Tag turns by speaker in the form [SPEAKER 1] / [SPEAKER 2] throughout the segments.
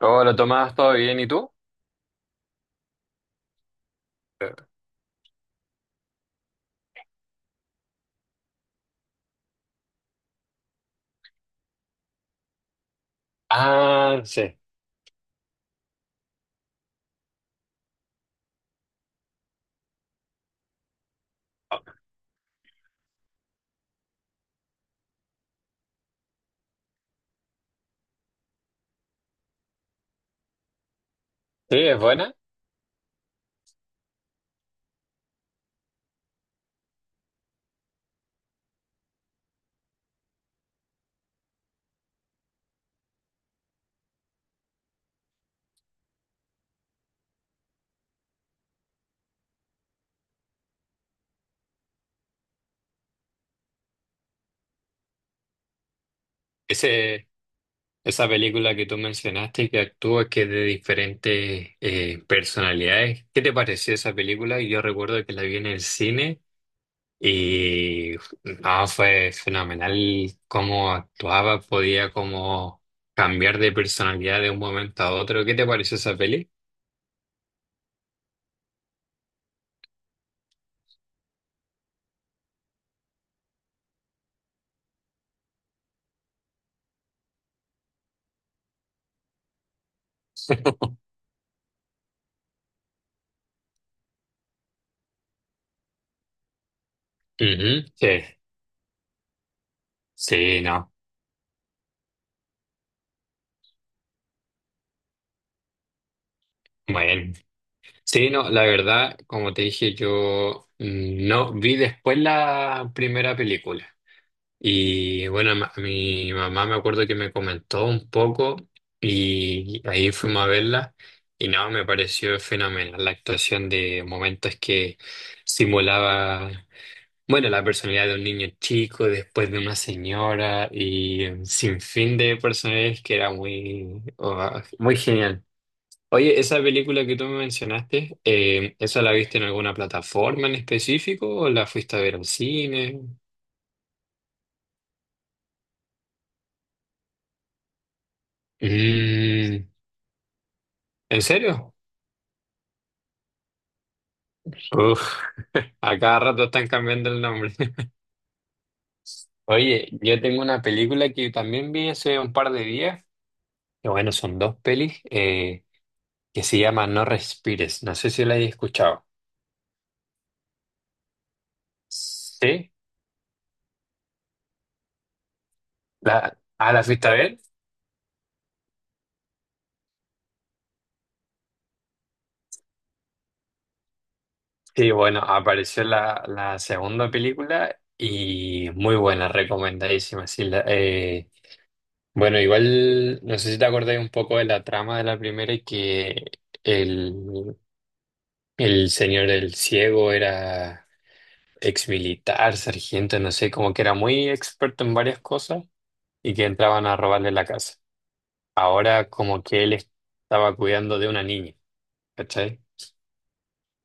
[SPEAKER 1] Hola Tomás, ¿todo bien? ¿Y tú? Ah, sí. Sí, es buena. Ese, esa película que tú mencionaste que actúa que es de diferentes personalidades. ¿Qué te pareció esa película? Yo recuerdo que la vi en el cine y no, fue fenomenal cómo actuaba, podía como cambiar de personalidad de un momento a otro. ¿Qué te pareció esa peli? Ujú, sí, sí, no. Bueno. Sí, no, la verdad, como te dije, yo no vi después la primera película. Y bueno, mi mamá me acuerdo que me comentó un poco y ahí fuimos a verla. Y no, me pareció fenomenal la actuación de momentos que simulaba, bueno, la personalidad de un niño chico, después de una señora y sin fin de personajes que era muy, oh, muy genial. Oye, esa película que tú me mencionaste, ¿esa la viste en alguna plataforma en específico o la fuiste a ver al cine? Mm, ¿en serio? Uf, a cada rato están cambiando el nombre. Oye, yo tengo una película que también vi hace un par de días, que bueno, son dos pelis, que se llama No Respires. No sé si la hayas escuchado. Sí, ¿ah, la fuiste a ver? Sí, bueno, apareció la segunda película y muy buena, recomendadísima. Sí, bueno, igual no sé si te acordáis un poco de la trama de la primera y que el, el señor el ciego era ex militar, sargento, no sé, como que era muy experto en varias cosas y que entraban a robarle la casa. Ahora como que él estaba cuidando de una niña, ¿cachai?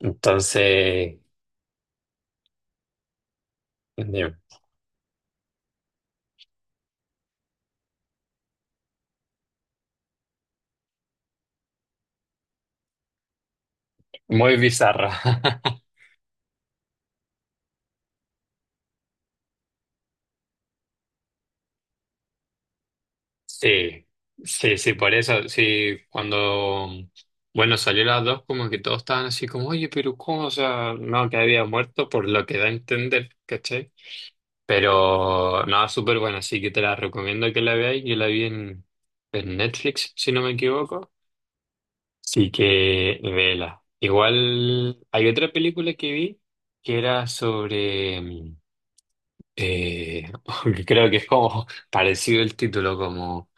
[SPEAKER 1] Entonces, eh, muy bizarra. Sí, sí, por eso, sí, cuando, bueno, salió las dos, como que todos estaban así como, oye, pero ¿cómo? O sea, no, que había muerto, por lo que da a entender, ¿cachai? Pero, no, súper buena, así que te la recomiendo que la veáis, yo la vi en Netflix, si no me equivoco, así que vela. Igual, hay otra película que vi que era sobre, eh, creo que es como parecido el título, como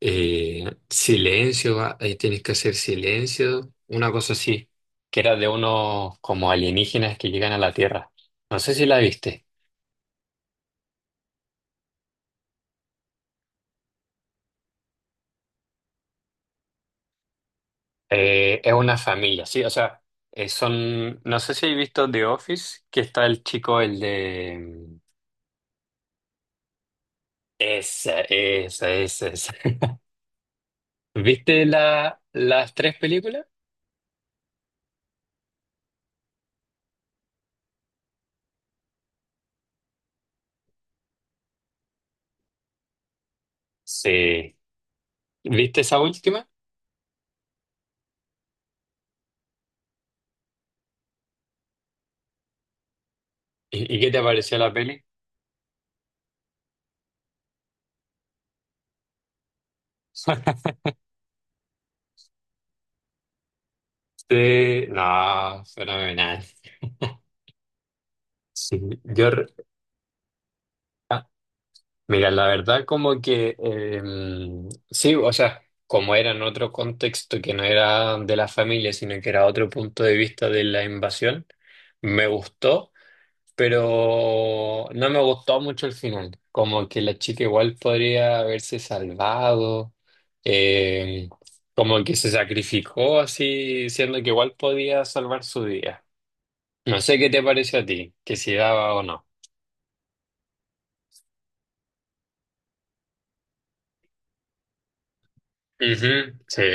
[SPEAKER 1] silencio, ah, ahí tienes que hacer silencio, una cosa así, que era de unos como alienígenas que llegan a la Tierra. No sé si la viste. Es una familia, sí, o sea, son, no sé si has visto The Office, que está el chico, el de... Esa, esa. ¿Viste las tres películas? Sí. ¿Viste esa última? Y qué te pareció la peli? Sí, no, fenomenal. Sí, yo, Ah, mira, la verdad como que sí, o sea, como era en otro contexto que no era de la familia, sino que era otro punto de vista de la invasión, me gustó, pero no me gustó mucho el final. Como que la chica igual podría haberse salvado, em, como que se sacrificó así, siendo que igual podía salvar su día. No sé qué te parece a ti, que si daba o no. Ujú, sí.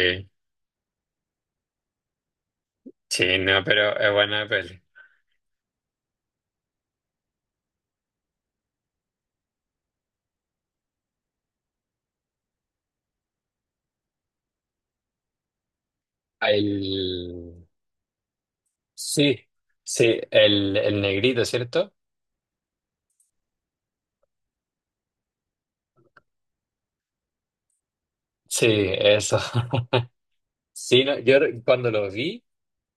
[SPEAKER 1] Sí, no, pero es buena peli. El... Sí, sí, el negrito, ¿cierto? Sí, eso. Sí, no, yo re- cuando lo vi,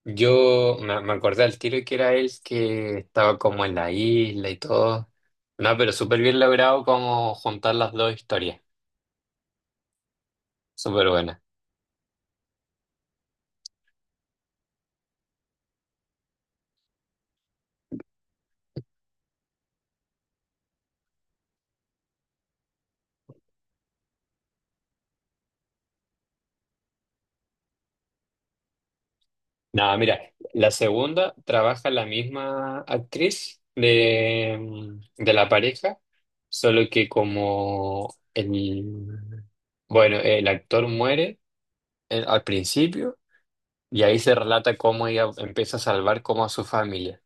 [SPEAKER 1] yo me acordé al tiro que era él que estaba como en la isla y todo. No, pero súper bien logrado como juntar las dos historias. Súper buena. No, mira, la segunda trabaja la misma actriz de, de la pareja, solo que como el, bueno, el actor muere al principio y ahí se relata cómo ella empieza a salvar como a su familia.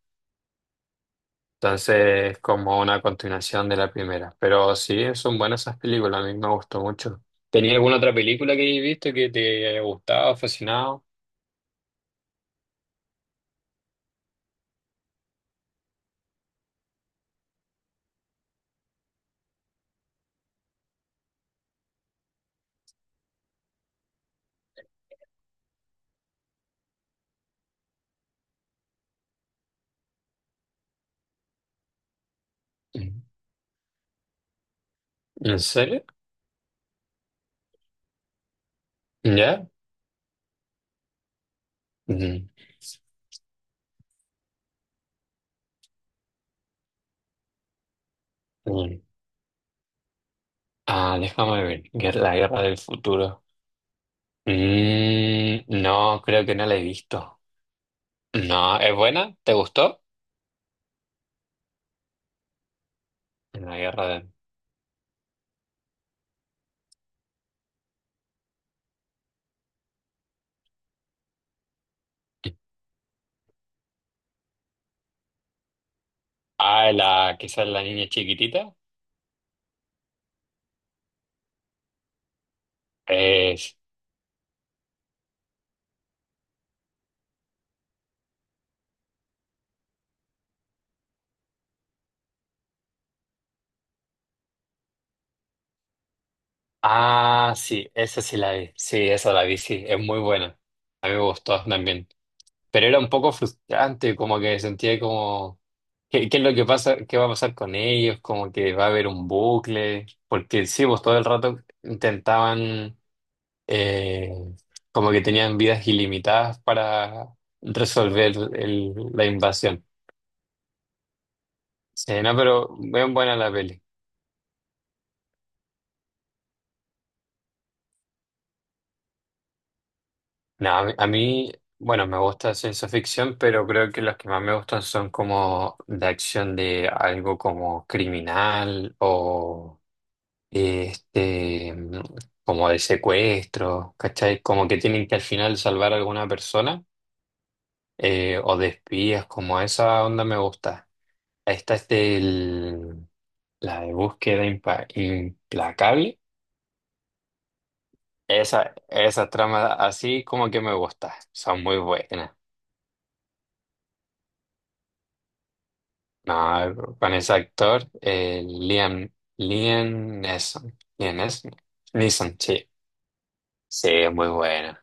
[SPEAKER 1] Entonces, como una continuación de la primera. Pero sí, son buenas esas películas, a mí me gustó mucho. ¿Tenía alguna otra película que hayas visto que te haya gustado, fascinado? ¿En serio? ¿Ya? Mm. Ah, déjame ver. Guer- La guerra del futuro. Mm, no, creo que no la he visto. No, ¿es buena? ¿Te gustó? La guerra del... Ah, la que sale la niña chiquitita. Es... Ah, sí, esa sí la vi. Sí, esa la vi, sí. Es muy buena. A mí me gustó también. Pero era un poco frustrante, como que sentía como, ¿qué, qué es lo que pasa? ¿Qué va a pasar con ellos? Como que va a haber un bucle, porque sí, pues todo el rato intentaban, eh, como que tenían vidas ilimitadas para resolver el- la invasión. Sí, no, pero bien buena la peli. No, a mí, bueno, me gusta ciencia ficción, pero creo que las que más me gustan son como de acción de algo como criminal o... este, como de secuestros, ¿cachai? Como que tienen que al final salvar a alguna persona, o de espías, como esa onda me gusta. Esta es del, la de implacable. Esa trama así como que me gusta, son muy buenas. No, con ese actor, Liam Neeson, Neeson, sí, sí, es muy bueno.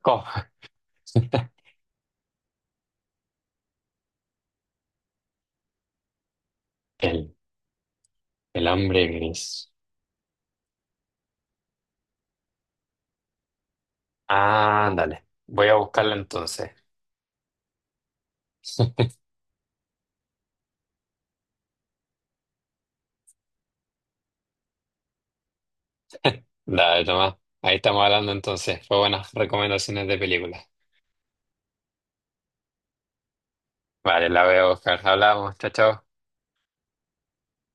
[SPEAKER 1] ¿Cómo? El- El hambre gris. Ándale. Voy a buscarla entonces. Dale, Tomás. Ahí estamos hablando entonces. Fue buenas recomendaciones de películas. Vale, la voy a buscar. Hablamos. Chao, chao.